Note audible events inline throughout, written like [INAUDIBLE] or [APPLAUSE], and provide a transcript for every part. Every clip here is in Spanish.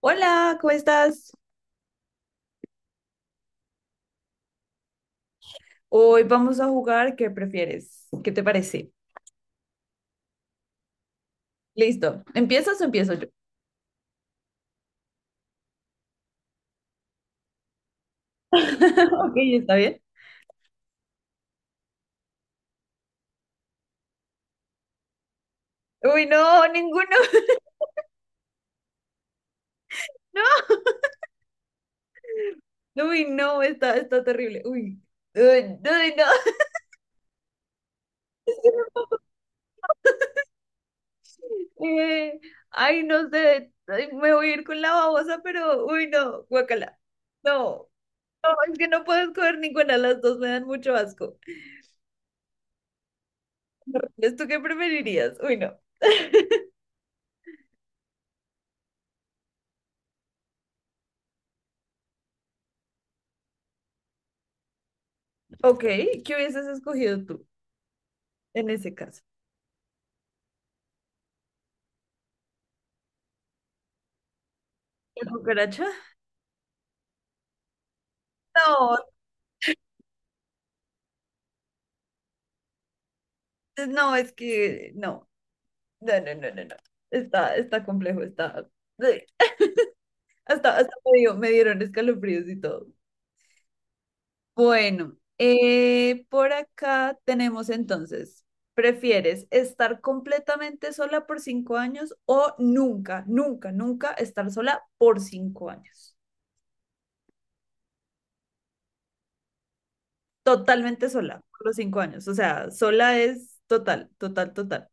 Hola, ¿cómo estás? Hoy vamos a jugar, ¿qué prefieres? ¿Qué te parece? Listo. ¿Empiezas o empiezo yo? [LAUGHS] Ok, está bien. Uy, no, ninguno. [LAUGHS] No. Uy, no, está terrible. Uy. Uy, uy, no. [LAUGHS] Eh, ay, no sé. Ay, me voy a ir con la babosa, pero uy, no, guacala. No. No, es que no puedo escoger ninguna, las dos me dan mucho asco. ¿Esto qué preferirías? Uy, no. [LAUGHS] Ok, ¿qué hubieses escogido tú en ese caso? ¿La cucaracha? No, no, es que no, no, no, no, no, no. Está complejo, está. eh, hasta me dieron escalofríos y todo. Bueno, por acá tenemos entonces, ¿prefieres estar completamente sola por 5 años o nunca, nunca, nunca estar sola por 5 años? Totalmente sola por los 5 años. O sea, sola es total, total, total.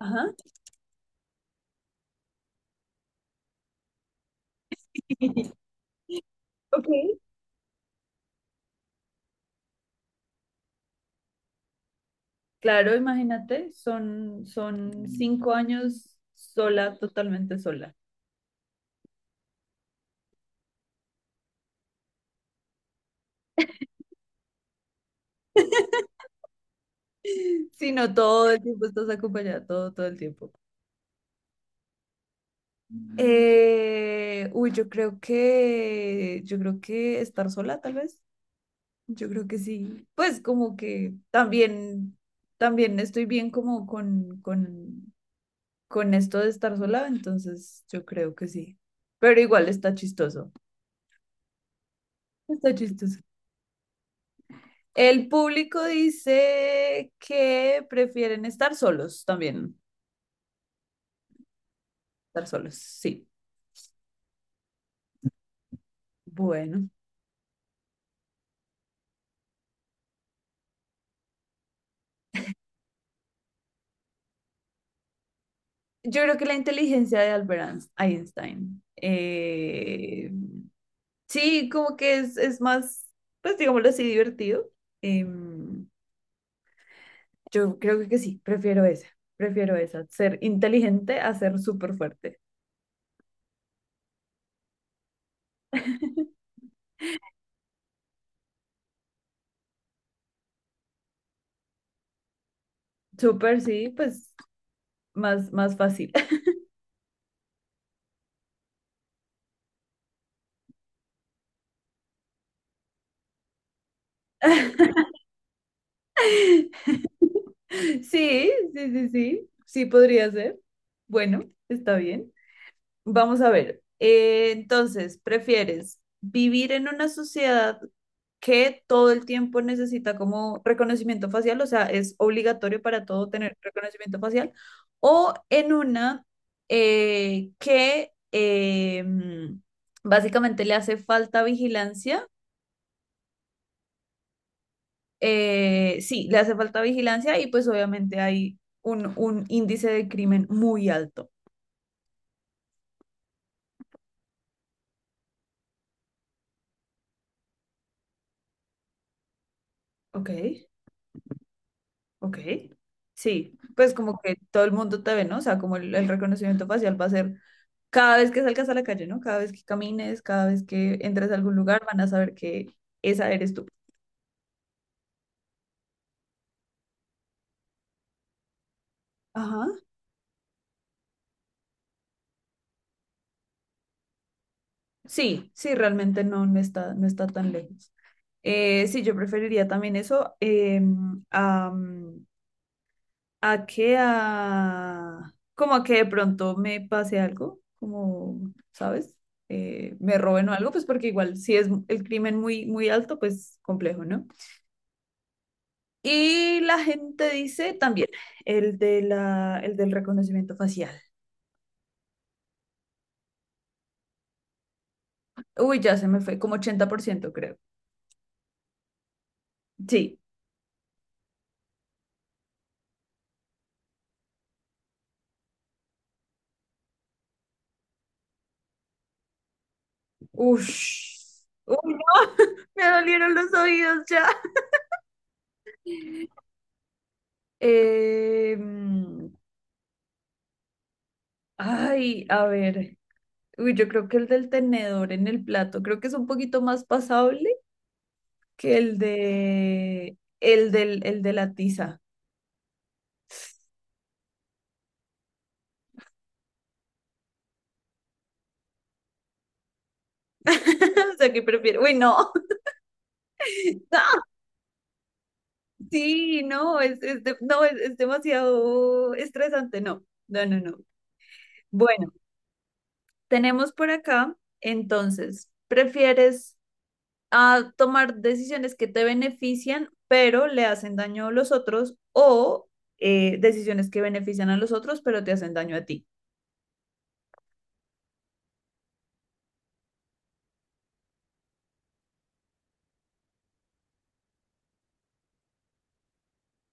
Ajá. Ok. Claro, imagínate, son cinco años sola, totalmente sola. Sino todo el tiempo estás acompañada, todo, todo el tiempo. Uy, yo creo que estar sola, tal vez. Yo creo que sí. Pues como que también, también estoy bien como con esto de estar sola, entonces yo creo que sí. Pero igual está chistoso. Está chistoso. El público dice que prefieren estar solos también. Estar solos, sí. Bueno. Yo creo que la inteligencia de Einstein. Sí, como que es más, pues digámoslo así, divertido. Em, yo creo que sí, prefiero esa. Prefiero esa. Ser inteligente a ser súper fuerte. Súper, sí, pues más fácil. [LAUGHS] Sí, sí, sí, sí. Sí podría ser. Bueno, está bien. Vamos a ver. Entonces, ¿prefieres vivir en una sociedad que todo el tiempo necesita como reconocimiento facial? O sea, es obligatorio para todo tener reconocimiento facial. O en una eh, que eh, mm, básicamente le hace falta vigilancia. Sí, le hace falta vigilancia y pues obviamente hay un índice de crimen muy alto. Ok. Ok, sí, pues como que todo el mundo te ve, ¿no? O sea, como el reconocimiento facial va a ser cada vez que salgas a la calle, ¿no? Cada vez que camines, cada vez que entres a algún lugar, van a saber que esa eres tú. Ajá. Sí, sí, realmente no, no está tan lejos. Sí, yo preferiría también eso. A que a como a que de pronto me pase algo, como, ¿sabes? Me roben o algo, pues porque igual si es el crimen muy muy alto, pues complejo, ¿no? Y la gente dice también el de la el del reconocimiento facial. Uy, ya se me fue, como 80% creo. Sí. Ush. Uy, no, me dolieron los oídos ya. [LAUGHS] Em, ay, a ver. Uy, yo creo que el del tenedor en el plato, creo que es un poquito más pasable que el de la tiza. [LAUGHS] O sea, que prefiero. Uy, no. [LAUGHS] Sí, no, no, es demasiado estresante, no, no, no, no. Bueno, tenemos por acá, entonces, ¿prefieres tomar decisiones que te benefician, pero le hacen daño a los otros, o decisiones que benefician a los otros, pero te hacen daño a ti?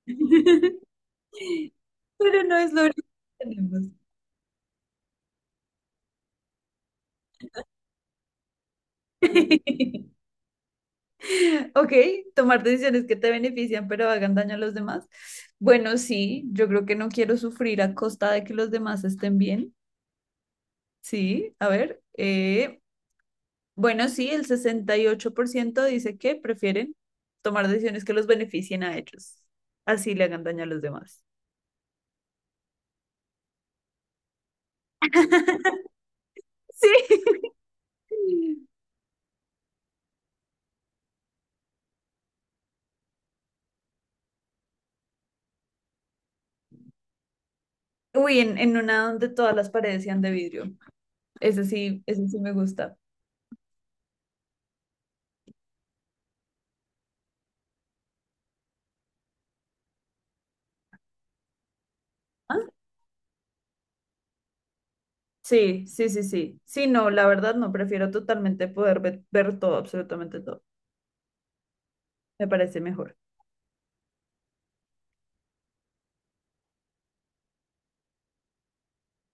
[LAUGHS] Pero no es lo único que tenemos. [LAUGHS] Ok, tomar decisiones que te benefician pero hagan daño a los demás. Bueno, sí, yo creo que no quiero sufrir a costa de que los demás estén bien. Sí, a ver. Bueno, sí, el 68% dice que prefieren tomar decisiones que los beneficien a ellos. Así le hagan daño a los demás. Sí. [LAUGHS] Uy, en una donde todas las paredes sean de vidrio. Ese sí me gusta. Sí, sí, sí, sí. Sí, no, la verdad no, prefiero totalmente poder ver, todo, absolutamente todo. Me parece mejor.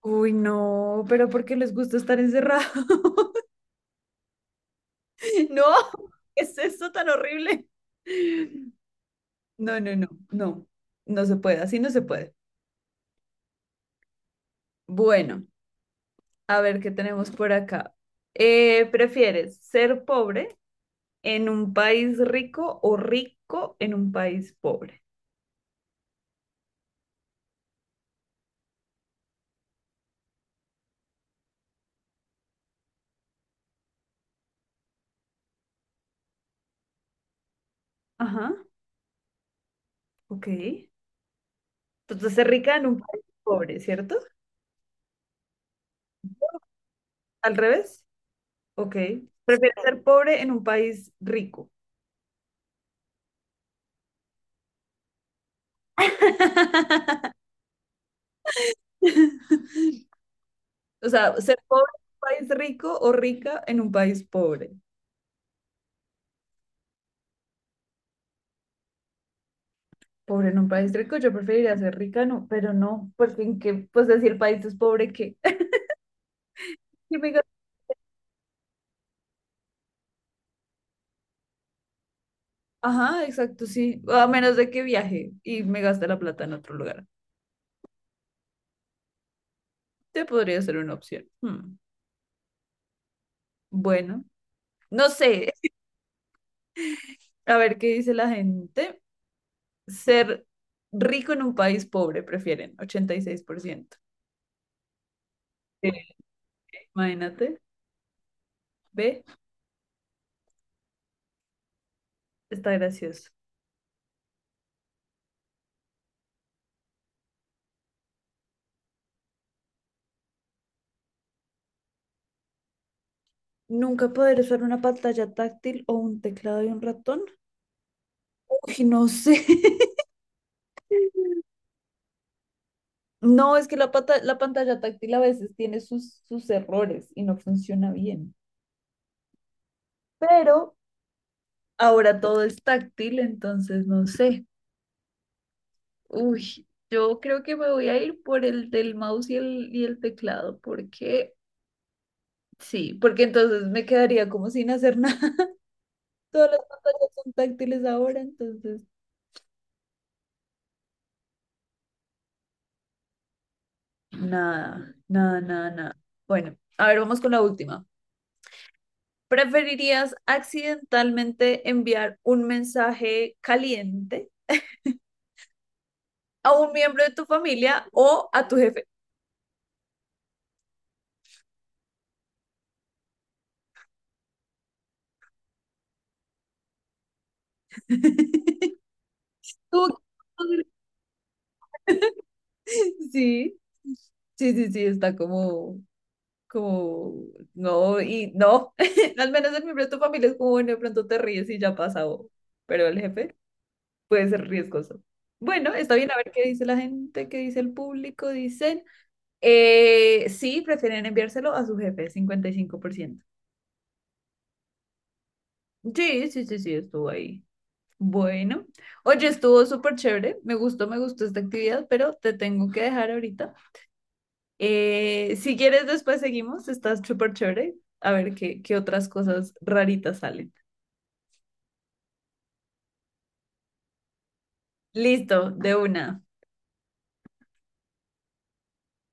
Uy, no, pero ¿por qué les gusta estar encerrados? [LAUGHS] No, ¿qué es eso tan horrible? No, no, no, no, no se puede, así no se puede. Bueno, a ver qué tenemos por acá. ¿Prefieres ser pobre en un país rico o rico en un país pobre? Ajá, ok. Entonces, ser rica en un país pobre, ¿cierto? ¿Al revés? Ok. Prefieres ser pobre en un país rico. [LAUGHS] O sea, ser pobre en un país rico o rica en un país pobre. Pobre en un país rico, yo preferiría ser rica, no, pero no, porque en qué, pues decir el país es pobre, ¿qué? [LAUGHS] Y me ga- Ajá, exacto, sí. A menos de que viaje y me gaste la plata en otro lugar. Te podría ser una opción. Hmm, bueno, no sé. A ver qué dice la gente. Ser rico en un país pobre, prefieren, 86%. Sí. Imagínate, ve, está gracioso. Nunca poder usar una pantalla táctil o un teclado y un ratón. Uy, no sé. [LAUGHS] No, es que la pantalla táctil a veces tiene sus errores y no funciona bien. Pero ahora todo es táctil, entonces no sé. Uy, yo creo que me voy a ir por el del mouse y el teclado, porque sí, porque entonces me quedaría como sin hacer nada. Todas las pantallas son táctiles ahora, entonces. Nada, nada, nada, nada. Bueno, a ver, vamos con la última. ¿Preferirías accidentalmente enviar un mensaje caliente a un miembro de tu familia o a tu jefe? [LAUGHS] ¿Tú qué- Sí, sí, sí, sí, está como, como, no, y no. [LAUGHS] Al menos el miembro de tu familia es como, bueno, de pronto te ríes y ya pasa, o- pero el jefe puede ser riesgoso. Bueno, está bien, a ver qué dice la gente, qué dice el público. Dicen, sí, prefieren enviárselo a su jefe, 55%. Sí, sí, sí, sí, estuvo ahí. Bueno, oye, estuvo súper chévere, me gustó esta actividad, pero te tengo que dejar ahorita. Si quieres, después seguimos, estás súper chévere, a ver qué, qué otras cosas raritas salen. Listo, de una.